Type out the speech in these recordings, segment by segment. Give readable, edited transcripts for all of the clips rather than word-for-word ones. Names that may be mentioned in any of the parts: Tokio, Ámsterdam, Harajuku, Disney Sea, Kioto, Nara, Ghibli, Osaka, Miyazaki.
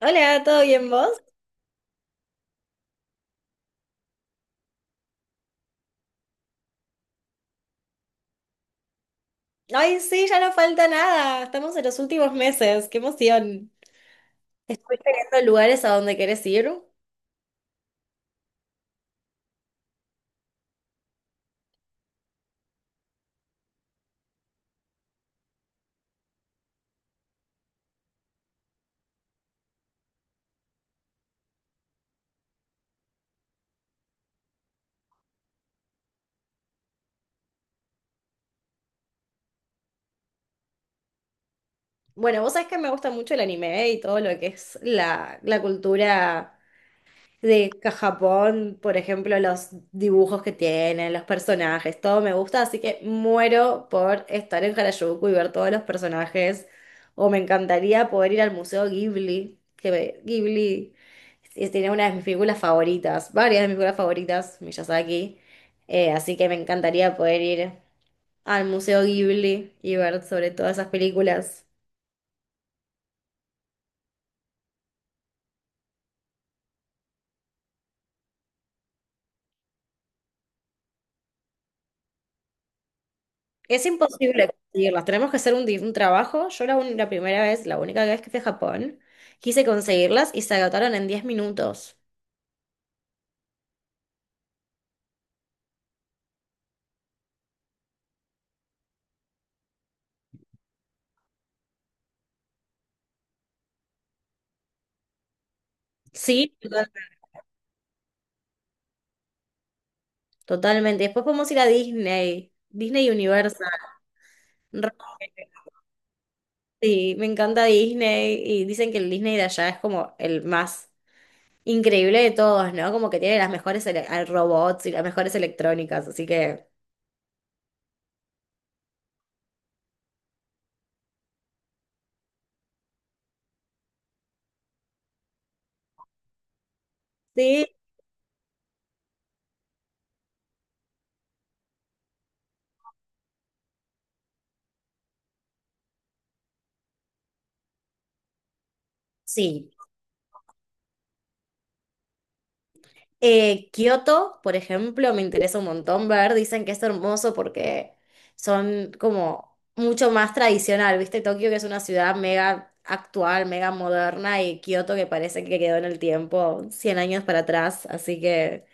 Hola, ¿todo bien vos? Ay, sí, ya no falta nada. Estamos en los últimos meses. ¡Qué emoción! ¿Estuviste viendo lugares a donde querés ir? Bueno, vos sabés que me gusta mucho el anime y todo lo que es la cultura. De Japón, por ejemplo, los dibujos que tienen, los personajes, todo me gusta, así que muero por estar en Harajuku y ver todos los personajes. O me encantaría poder ir al Museo Ghibli, Ghibli tiene una de mis películas favoritas, varias de mis películas favoritas, Miyazaki. Así que me encantaría poder ir al Museo Ghibli y ver sobre todas esas películas. Es imposible conseguirlas. Tenemos que hacer un trabajo. Yo la primera vez, la única vez que fui a Japón, quise conseguirlas y se agotaron en 10 minutos. Sí, totalmente. Totalmente. Después podemos ir a Disney, Disney Universal. Re- Sí, me encanta Disney y dicen que el Disney de allá es como el más increíble de todos, ¿no? Como que tiene las mejores robots y las mejores electrónicas, así que sí, sí. Kioto, por ejemplo, me interesa un montón ver. Dicen que es hermoso porque son como mucho más tradicional, ¿viste? Tokio, que es una ciudad mega actual, mega moderna, y Kioto, que parece que quedó en el tiempo 100 años para atrás. Así que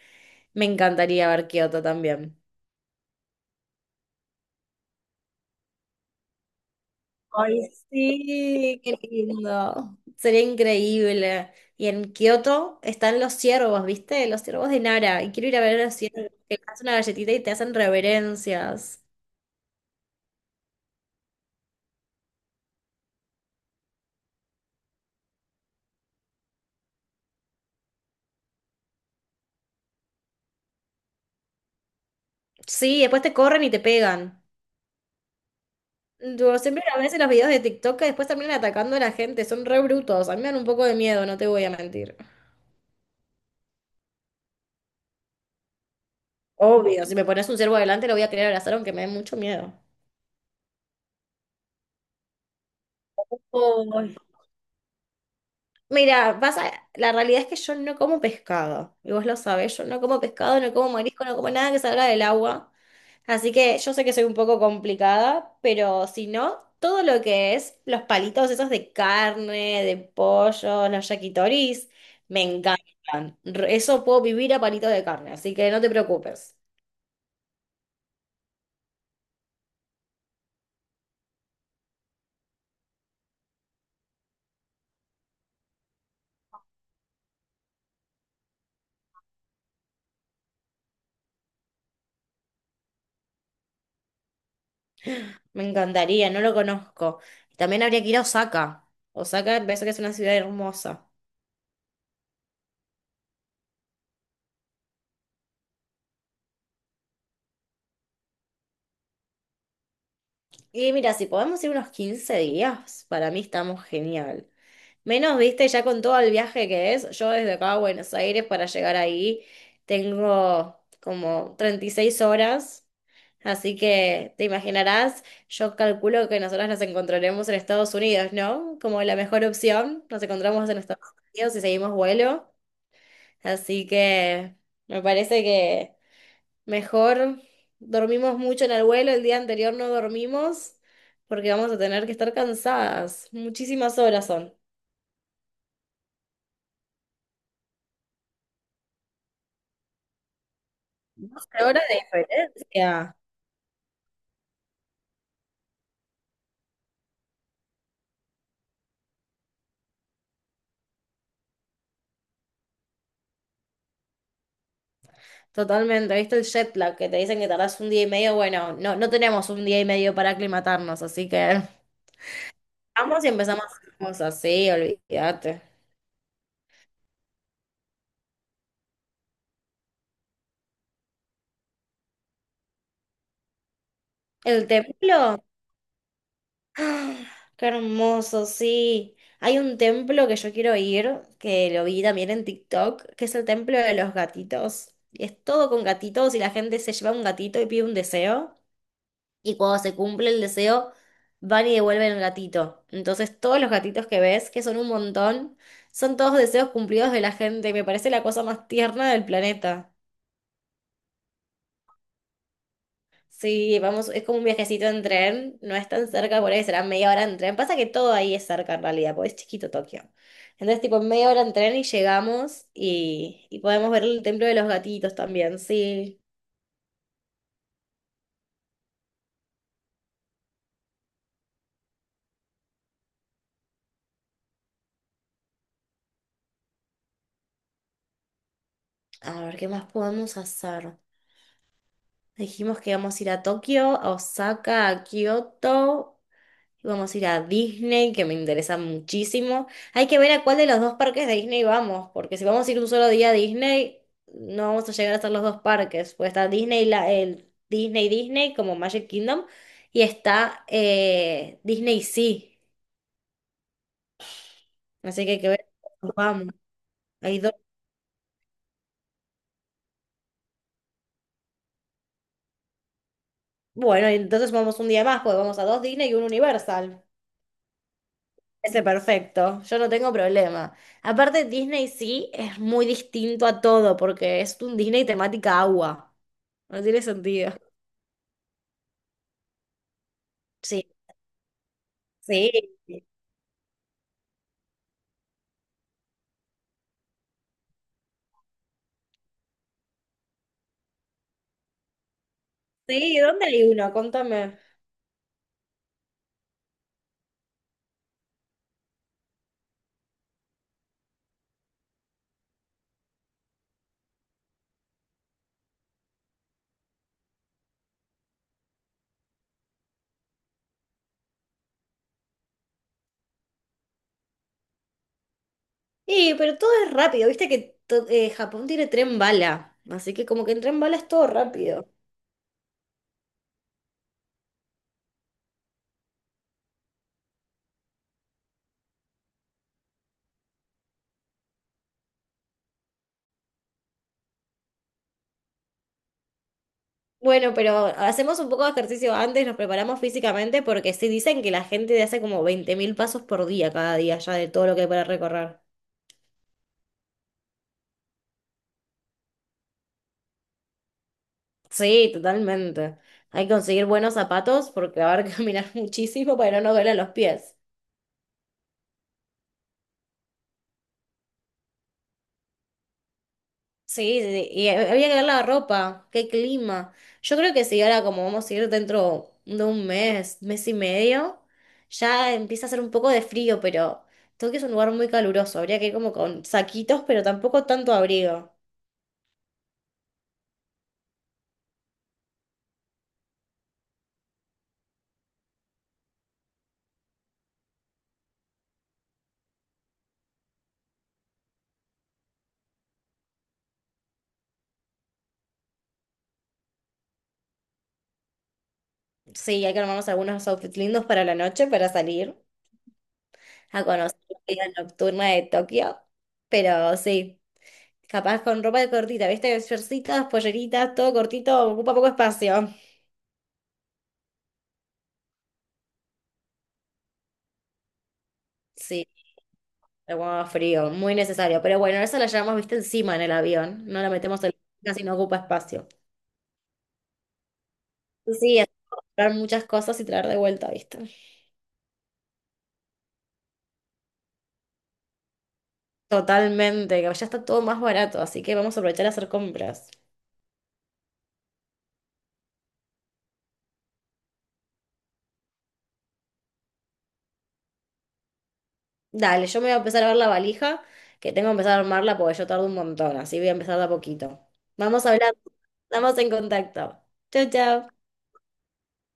me encantaría ver Kioto también. Ay, sí, qué lindo. Sería increíble. Y en Kioto están los ciervos, ¿viste? Los ciervos de Nara. Y quiero ir a ver a los ciervos que te hacen una galletita y te hacen reverencias. Sí, después te corren y te pegan. Tipo, siempre a veces los videos de TikTok que después terminan atacando a la gente, son re brutos. A mí me dan un poco de miedo, no te voy a mentir. Obvio, si me pones un ciervo adelante lo voy a querer abrazar aunque me dé mucho miedo. Oh. Mira, pasa, la realidad es que yo no como pescado, y vos lo sabés, yo no como pescado, no como marisco, no como nada que salga del agua. Así que yo sé que soy un poco complicada, pero si no, todo lo que es los palitos esos de carne, de pollo, los yakitoris, me encantan. Eso puedo vivir a palitos de carne, así que no te preocupes. Me encantaría, no lo conozco. También habría que ir a Osaka. Osaka, me parece que es una ciudad hermosa. Y mira, si podemos ir unos 15 días, para mí estamos genial. Menos, viste, ya con todo el viaje que es, yo desde acá a Buenos Aires para llegar ahí tengo como 36 horas, así que te imaginarás, yo calculo que nosotros nos encontraremos en Estados Unidos, ¿no? Como la mejor opción, nos encontramos en Estados Unidos y seguimos vuelo, así que me parece que... Mejor dormimos mucho en el vuelo, el día anterior no dormimos porque vamos a tener que estar cansadas. Muchísimas horas son. ¿Qué hora de diferencia? Totalmente, ¿viste el jet lag que te dicen que tardás un día y medio? Bueno, no, no tenemos un día y medio para aclimatarnos, así que vamos y empezamos a hacer cosas, sí, olvídate. El templo, ah, qué hermoso, sí. Hay un templo que yo quiero ir, que lo vi también en TikTok, que es el templo de los gatitos. Y es todo con gatitos y la gente se lleva un gatito y pide un deseo. Y cuando se cumple el deseo, van y devuelven el gatito. Entonces todos los gatitos que ves, que son un montón, son todos deseos cumplidos de la gente. Me parece la cosa más tierna del planeta. Sí, vamos, es como un viajecito en tren, no es tan cerca, por ahí será media hora en tren. Pasa que todo ahí es cerca en realidad, porque es chiquito Tokio. Entonces, tipo, media hora en tren y llegamos y podemos ver el templo de los gatitos también, sí. A ver, ¿qué más podemos hacer? Dijimos que íbamos a ir a Tokio, a Osaka, a Kioto. Vamos a ir a Disney, que me interesa muchísimo. Hay que ver a cuál de los dos parques de Disney vamos, porque si vamos a ir un solo día a Disney, no vamos a llegar a hacer los dos parques. Pues está Disney, el Disney Disney, como Magic Kingdom, y está Disney Sea. Así que hay que ver a cuál vamos. Hay dos. Bueno, entonces vamos un día más, pues vamos a dos Disney y un Universal. Ese perfecto, yo no tengo problema. Aparte, Disney sí es muy distinto a todo, porque es un Disney temática agua. No tiene sentido. Sí, sí, sí, ¿dónde hay uno? Contame. Sí, pero todo es rápido, viste que Japón tiene tren bala, así que como que en tren bala es todo rápido. Bueno, pero hacemos un poco de ejercicio antes, nos preparamos físicamente porque sí dicen que la gente hace como 20.000 pasos por día cada día ya de todo lo que hay para recorrer. Sí, totalmente. Hay que conseguir buenos zapatos porque va a haber que caminar muchísimo para no doler los pies. Sí, sí, sí, y había que ver la ropa, qué clima. Yo creo que sí, ahora como vamos a ir dentro de un mes, mes y medio, ya empieza a hacer un poco de frío, pero Tokio es un lugar muy caluroso, habría que ir como con saquitos, pero tampoco tanto abrigo. Sí, hay que armarnos algunos outfits lindos para la noche, para salir a conocer la vida nocturna de Tokio, pero sí, capaz con ropa de cortita, ¿viste? Shortcitas, polleritas, todo cortito, ocupa poco espacio. Sí. Agua frío, muy necesario. Pero bueno, esa la llevamos, viste, encima en el avión. No la metemos en la casi no ocupa espacio. Sí, sí, es comprar muchas cosas y traer de vuelta, viste. Totalmente, que ya está todo más barato, así que vamos a aprovechar a hacer compras. Dale, yo me voy a empezar a ver la valija, que tengo que empezar a armarla porque yo tardo un montón, así voy a empezar de a poquito. Vamos hablando, estamos en contacto. Chao, chao.